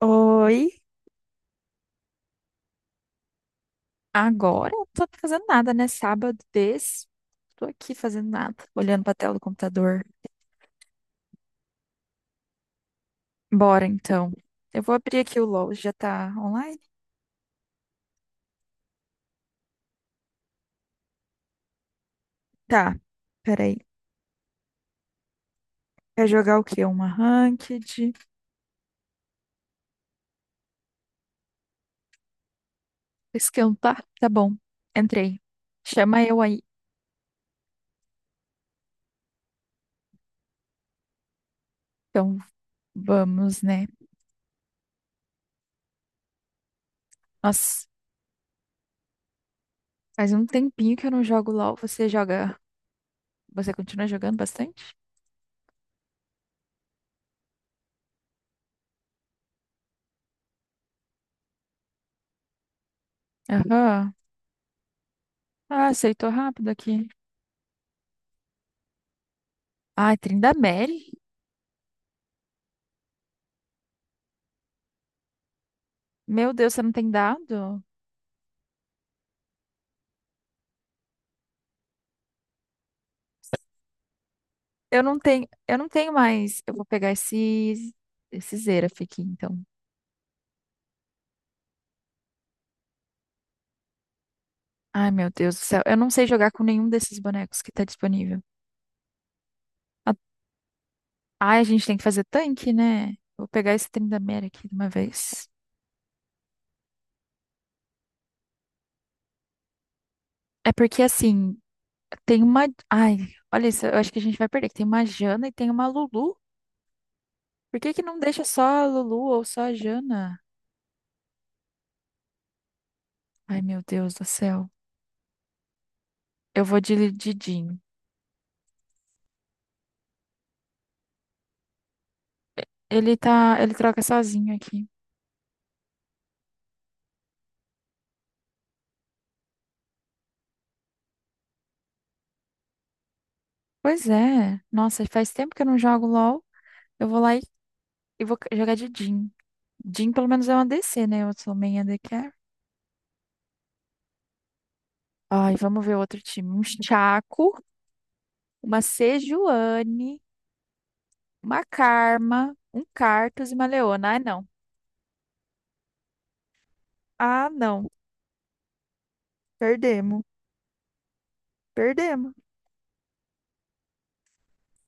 Oi, agora eu não tô fazendo nada, né? Sábado desse, tô aqui fazendo nada, olhando pra tela do computador. Bora então. Eu vou abrir aqui o LoL, já tá online? Tá, peraí. Quer jogar o quê? Uma ranked? Esquentar? Tá bom, entrei. Chama eu aí. Então, vamos, né? Nossa, faz um tempinho que eu não jogo LoL. Você joga? Você continua jogando bastante? Aham. Ah, aceitou rápido aqui. Ai, Trindamere? Meu Deus, você não tem dado? Eu não tenho mais. Eu vou pegar esse Xerath aqui, então. Ai, meu Deus do céu. Eu não sei jogar com nenhum desses bonecos que tá disponível. A- Ai, a gente tem que fazer tanque, né? Vou pegar esse Tryndamere aqui de uma vez. É porque, assim, Ai, olha isso, eu acho que a gente vai perder. Que Tem uma Jana e tem uma Lulu. Por que que não deixa só a Lulu ou só a Jana? Ai, meu Deus do céu. Eu vou de Didinho. Ele troca sozinho aqui. Pois é. Nossa, faz tempo que eu não jogo LoL. Eu vou lá e jogar de Jhin. Jhin, pelo menos, é uma ADC, né? Eu sou main ADC. Ai, vamos ver outro time. Um Chaco, uma Sejuani, uma Karma, um Cartus e uma Leona. Ah, não. Ah, não. Perdemos. Perdemos.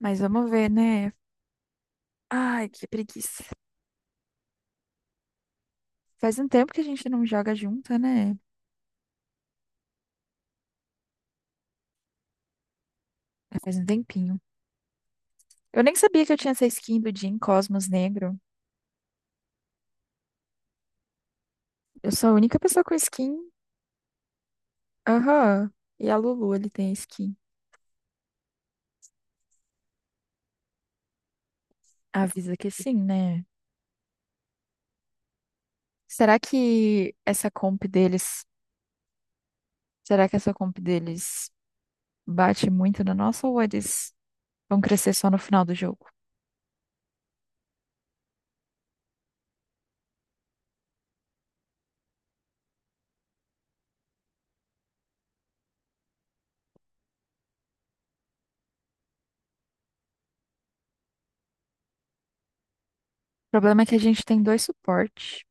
Mas vamos ver, né? Ai, que preguiça. Faz um tempo que a gente não joga junta, né? É, faz um tempinho. Eu nem sabia que eu tinha essa skin do Jhin Cosmos Negro. Eu sou a única pessoa com skin. Aham. E a Lulu, ele tem skin. Avisa que sim, né? Será que essa comp deles, será que essa comp deles bate muito na nossa ou eles vão crescer só no final do jogo? O problema é que a gente tem dois suportes.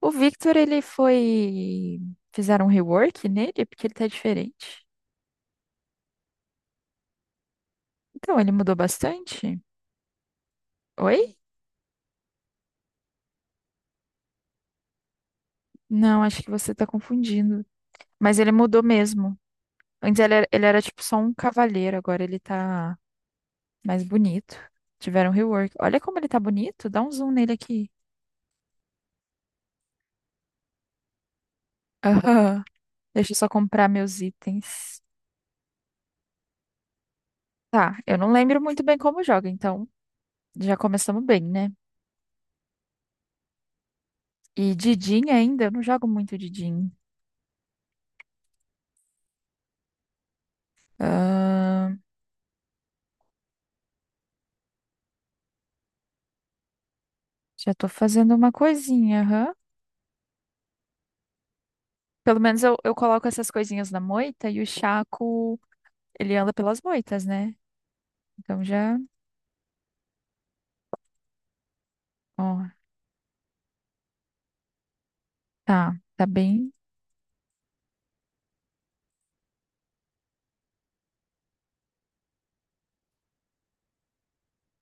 O Victor, ele foi, fizeram um rework nele porque ele tá diferente. Então, ele mudou bastante. Oi? Não, acho que você tá confundindo. Mas ele mudou mesmo. Antes ele era tipo só um cavaleiro, agora ele tá mais bonito. Tiveram rework. Olha como ele tá bonito. Dá um zoom nele aqui. Aham. Deixa eu só comprar meus itens. Tá, eu não lembro muito bem como joga, então já começamos bem, né? E Didin ainda, eu não jogo muito Didin. Ahn, já tô fazendo uma coisinha, aham. Pelo menos eu coloco essas coisinhas na moita e o Chaco, ele anda pelas moitas, né? Então já, ó, tá, tá bem.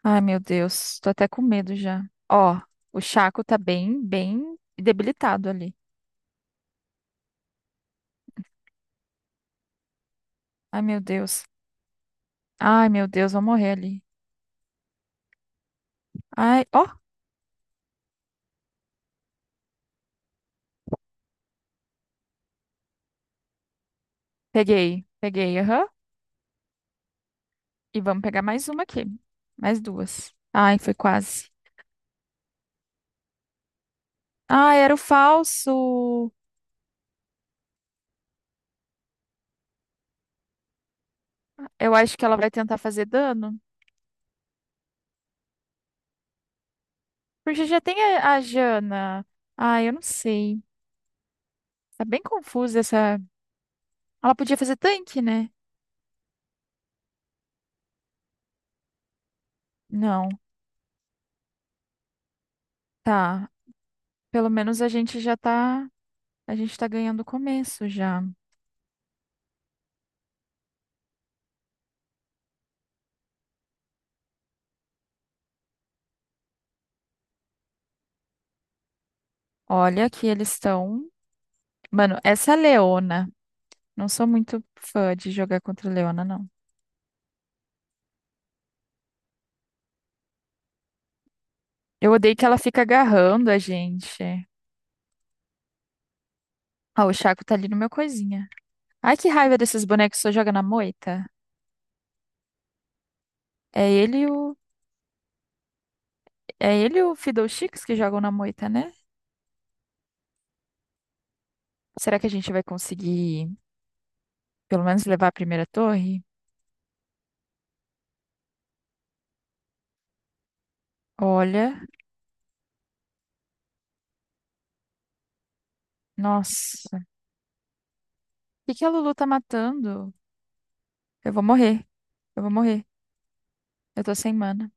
Ai, meu Deus, tô até com medo já. Ó, o Chaco tá bem, bem debilitado ali. Ai, meu Deus. Ai, meu Deus, vou morrer ali. Ai, ó, peguei, peguei, aham. E vamos pegar mais uma aqui. Mais duas. Ai, foi quase. Ai, era o falso. Eu acho que ela vai tentar fazer dano. Porque já tem a Jana. Ai, eu não sei. Tá bem confusa essa. Ela podia fazer tanque, né? Não. Tá. Pelo menos a gente já tá. A gente tá ganhando o começo já. Olha que eles estão. Mano, essa Leona. Não sou muito fã de jogar contra a Leona, não. Eu odeio que ela fica agarrando a gente. Ah, o Chaco tá ali no meu coisinha. Ai, que raiva desses bonecos que só joga na moita. É ele e o. É ele e o Fiddlesticks que jogam na moita, né? Será que a gente vai conseguir, pelo menos, levar a primeira torre? Olha. Nossa. O que que a Lulu tá matando? Eu vou morrer. Eu vou morrer. Eu tô sem mana.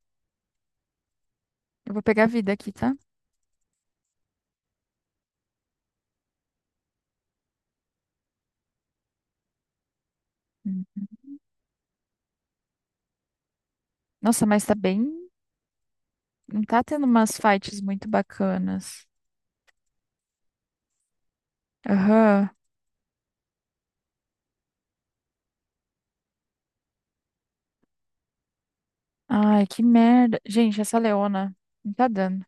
Eu vou pegar vida aqui, tá? Hum. Nossa, mas tá bem. Não tá tendo umas fights muito bacanas. Aham. Ai, que merda. Gente, essa Leona não tá dando.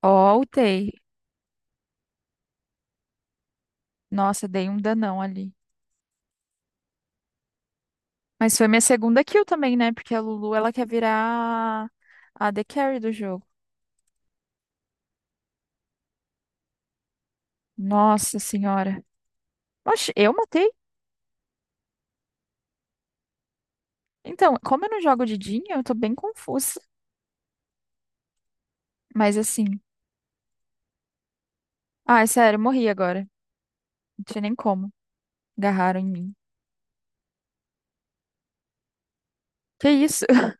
Ó, ultei. Nossa, dei um danão ali. Mas foi minha segunda kill também, né? Porque a Lulu, ela quer virar a AD Carry do jogo. Nossa senhora. Oxe, eu matei? Então, como eu não jogo de Jean, eu tô bem confusa. Mas assim. Ai, sério, eu morri agora. Não tinha nem como. Agarraram em mim. Que isso?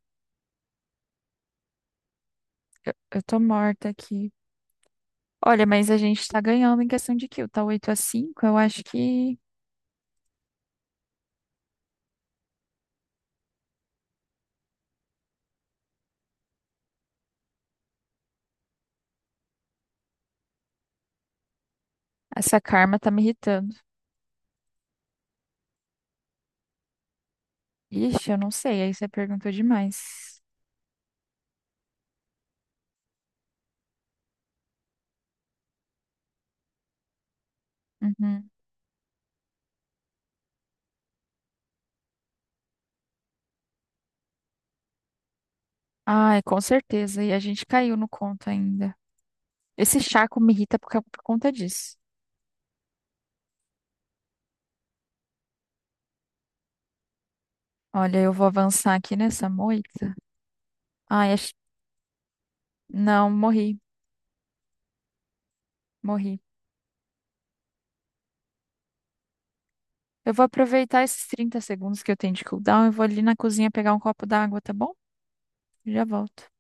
Eu tô morta aqui. Olha, mas a gente tá ganhando em questão de kill, tá 8-5. Eu acho que essa karma tá me irritando. Ixi, eu não sei, aí você perguntou demais. Uhum. Ai, com certeza, e a gente caiu no conto ainda. Esse Chaco me irrita por conta disso. Olha, eu vou avançar aqui nessa moita. Ai, ach- não, morri, morri. Eu vou aproveitar esses 30 segundos que eu tenho de cooldown e vou ali na cozinha pegar um copo d'água, tá bom? Já volto.